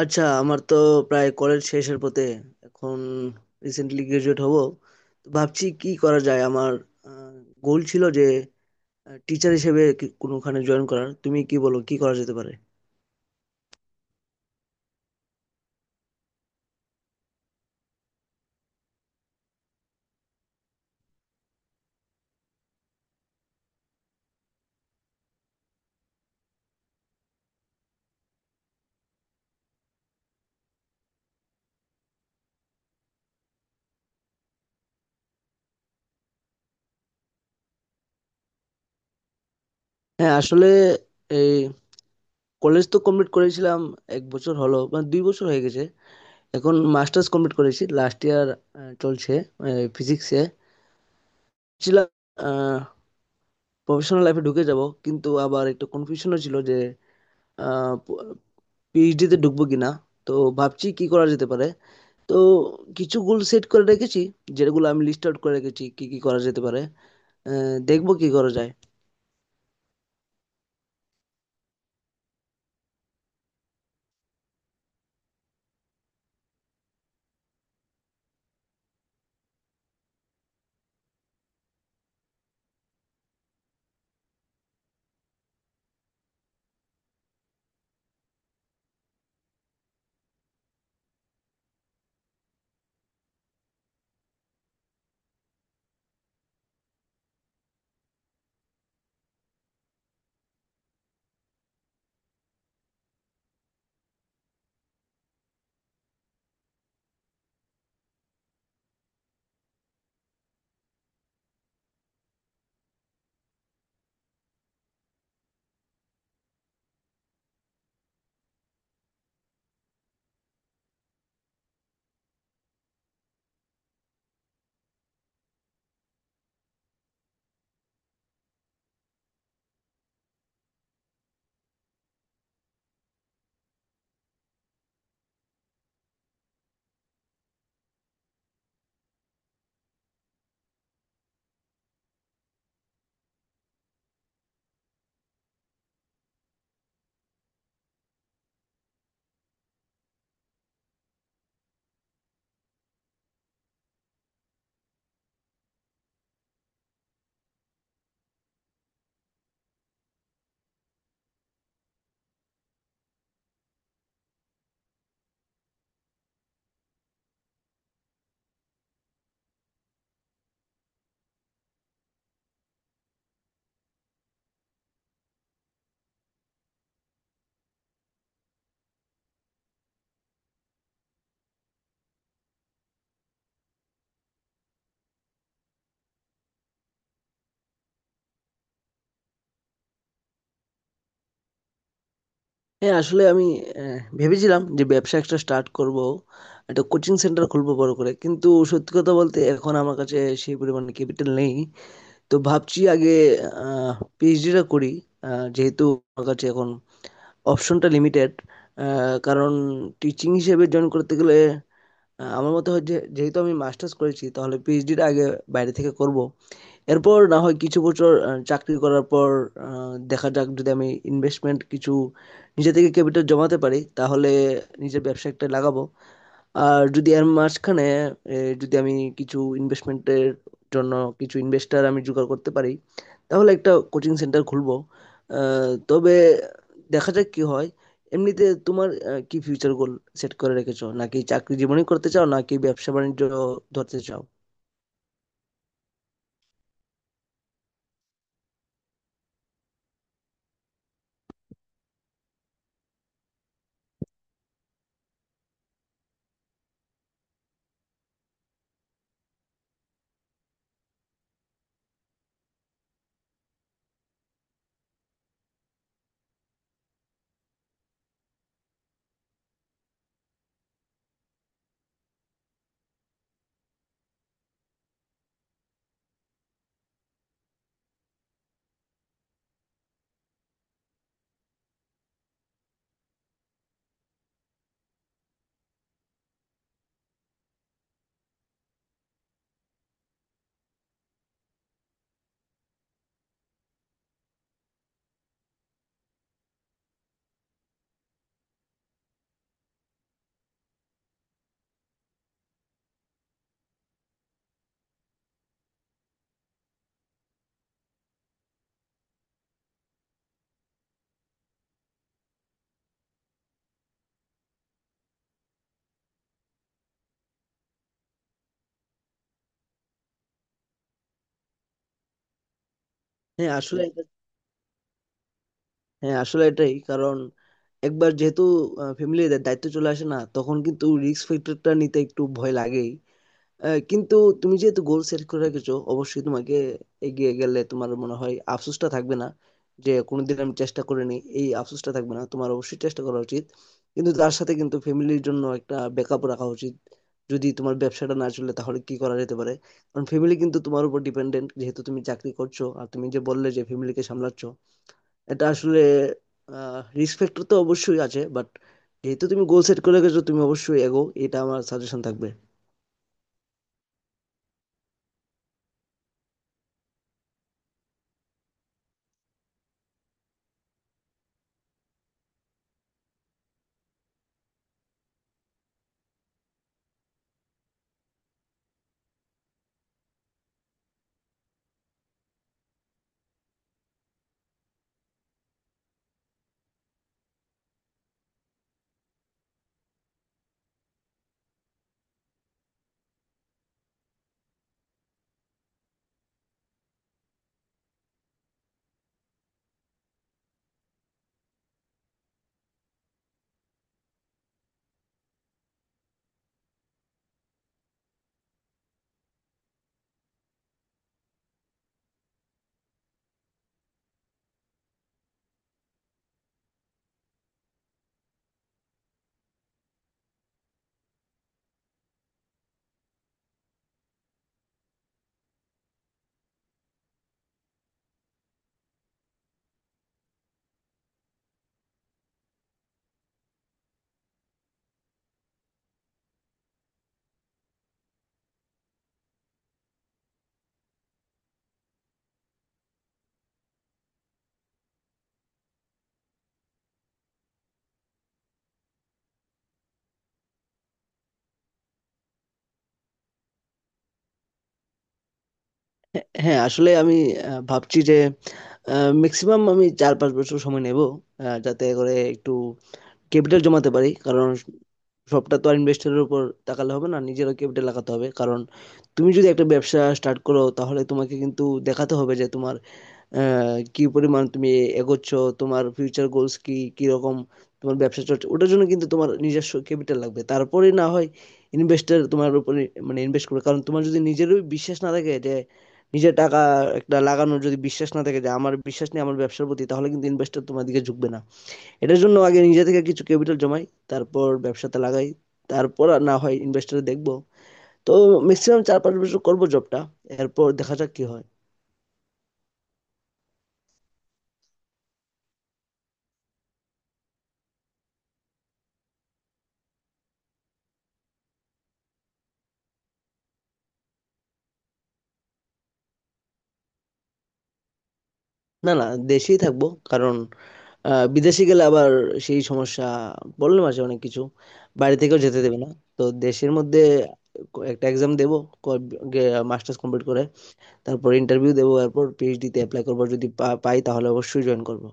আচ্ছা, আমার তো প্রায় কলেজ শেষের পথে এখন। রিসেন্টলি গ্রাজুয়েট হব, তো ভাবছি কি করা যায়। আমার গোল ছিল যে টিচার হিসেবে কোনোখানে জয়েন করার। তুমি কি বলো, কি করা যেতে পারে? হ্যাঁ, আসলে এই কলেজ তো কমপ্লিট করেছিলাম এক বছর হলো, মানে দুই বছর হয়ে গেছে। এখন মাস্টার্স কমপ্লিট করেছি, লাস্ট ইয়ার চলছে। ফিজিক্সে ছিলাম। প্রফেশনাল লাইফে ঢুকে যাব, কিন্তু আবার একটু কনফিউশনও ছিল যে পিএইচডি তে ঢুকবো কিনা। তো ভাবছি কি করা যেতে পারে। তো কিছু গোল সেট করে রেখেছি, যেগুলো আমি লিস্ট আউট করে রেখেছি, কি কি করা যেতে পারে। দেখবো কি করা যায়। হ্যাঁ, আসলে আমি ভেবেছিলাম যে ব্যবসা একটা স্টার্ট করব, একটা কোচিং সেন্টার খুলবো বড় করে। কিন্তু সত্যি কথা বলতে এখন আমার কাছে সেই পরিমাণে ক্যাপিটাল নেই। তো ভাবছি আগে পিএইচডিটা করি। যেহেতু আমার কাছে এখন অপশনটা লিমিটেড, কারণ টিচিং হিসেবে জয়েন করতে গেলে আমার মতে হয় যে যেহেতু আমি মাস্টার্স করেছি, তাহলে পিএইচডিটা আগে বাইরে থেকে করব। এরপর না হয় কিছু বছর চাকরি করার পর আ দেখা যাক, যদি আমি ইনভেস্টমেন্ট কিছু নিজে থেকে ক্যাপিটাল জমাতে পারি, তাহলে নিজের ব্যবসা একটা লাগাবো। আর যদি এর মাঝখানে এ, যদি আমি কিছু ইনভেস্টমেন্টের জন্য কিছু ইনভেস্টর আমি জোগাড় করতে পারি, তাহলে একটা কোচিং সেন্টার খুলবো। তবে দেখা যাক কি হয়। এমনিতে তোমার কি ফিউচার গোল সেট করে রেখেছো? নাকি চাকরি জীবনই করতে চাও, নাকি ব্যবসা বাণিজ্য ধরতে চাও? হ্যাঁ আসলে এটা- হ্যাঁ, আসলে এটাই কারণ। একবার যেহেতু ফ্যামিলির দায়িত্ব চলে আসে না, তখন কিন্তু রিস্ক ফ্যাক্টরটা নিতে একটু ভয় লাগেই। কিন্তু তুমি যেহেতু গোল সেট করে রেখেছো, অবশ্যই তোমাকে এগিয়ে গেলে তোমার মনে হয় আফসোসটা থাকবে না, যে কোনোদিন আমি চেষ্টা করিনি এই আফসোসটা থাকবে না। তোমার অবশ্যই চেষ্টা করা উচিত, কিন্তু তার সাথে কিন্তু ফ্যামিলির জন্য একটা ব্যাকআপ রাখা উচিত। যদি তোমার ব্যবসাটা না চলে, তাহলে কি করা যেতে পারে? কারণ ফ্যামিলি কিন্তু তোমার উপর ডিপেন্ডেন্ট, যেহেতু তুমি চাকরি করছো আর তুমি যে বললে যে ফ্যামিলিকে সামলাচ্ছ। এটা আসলে রিস্ক ফ্যাক্টর তো অবশ্যই আছে, বাট যেহেতু তুমি গোল সেট করে গেছো, তুমি অবশ্যই এগো, এটা আমার সাজেশন থাকবে। হ্যাঁ হ্যাঁ, আসলে আমি ভাবছি যে ম্যাক্সিমাম আমি চার পাঁচ বছর সময় নেব, যাতে করে একটু ক্যাপিটাল জমাতে পারি। কারণ সবটা তো আর ইনভেস্টরের উপর তাকালে হবে না, নিজেরও ক্যাপিটাল লাগাতে হবে। কারণ তুমি যদি একটা ব্যবসা স্টার্ট করো, তাহলে তোমাকে কিন্তু দেখাতে হবে যে তোমার কি পরিমাণ তুমি এগোচ্ছ, তোমার ফিউচার গোলস কি, কি রকম তোমার ব্যবসা চলছে। ওটার জন্য কিন্তু তোমার নিজস্ব ক্যাপিটাল লাগবে, তারপরে না হয় ইনভেস্টার তোমার উপরে মানে ইনভেস্ট করবে। কারণ তোমার যদি নিজেরই বিশ্বাস না থাকে যে নিজের টাকা একটা লাগানোর, যদি বিশ্বাস না থাকে যে আমার বিশ্বাস নেই আমার ব্যবসার প্রতি, তাহলে কিন্তু ইনভেস্টর তোমার দিকে ঝুঁকবে না। এটার জন্য আগে নিজে থেকে কিছু ক্যাপিটাল জমাই, তারপর ব্যবসাতে লাগাই, তারপর আর না হয় ইনভেস্টর দেখবো। তো ম্যাক্সিমাম চার পাঁচ বছর করবো জবটা, এরপর দেখা যাক কি হয়। না না, দেশেই থাকবো। কারণ বিদেশে গেলে আবার সেই সমস্যা, বললাম আছে অনেক কিছু। বাইরে থেকেও যেতে দেবে না। তো দেশের মধ্যে একটা এক্সাম দেবো মাস্টার্স কমপ্লিট করে, তারপর ইন্টারভিউ দেবো, তারপর পিএইচডি তে অ্যাপ্লাই করবো। যদি পাই, তাহলে অবশ্যই জয়েন করবো।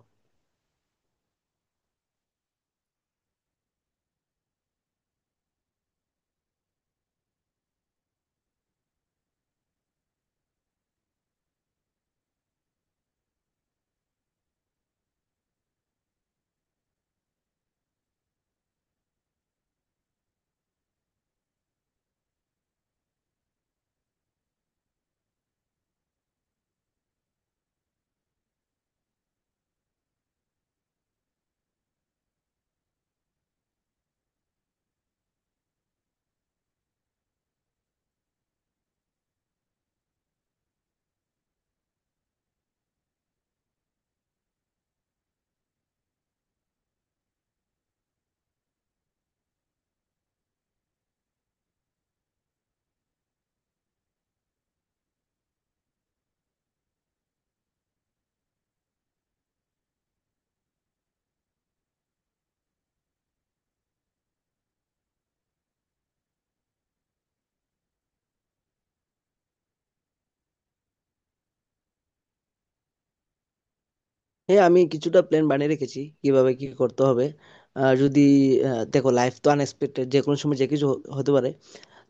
হ্যাঁ, আমি কিছুটা প্ল্যান বানিয়ে রেখেছি কিভাবে কি করতে হবে। আহ, যদি দেখো লাইফ তো আনএক্সপেক্টেড, যে কোনো সময় যে কিছু হতে পারে।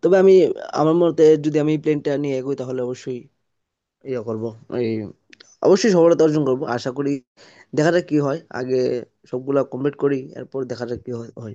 তবে আমি, আমার মতে যদি আমি প্ল্যানটা নিয়ে এগোই, তাহলে অবশ্যই ইয়ে করব, এই অবশ্যই সফলতা অর্জন করব আশা করি। দেখা যাক কি হয়। আগে সবগুলা কমপ্লিট করি, এরপর দেখা যাক কি হয় হয়।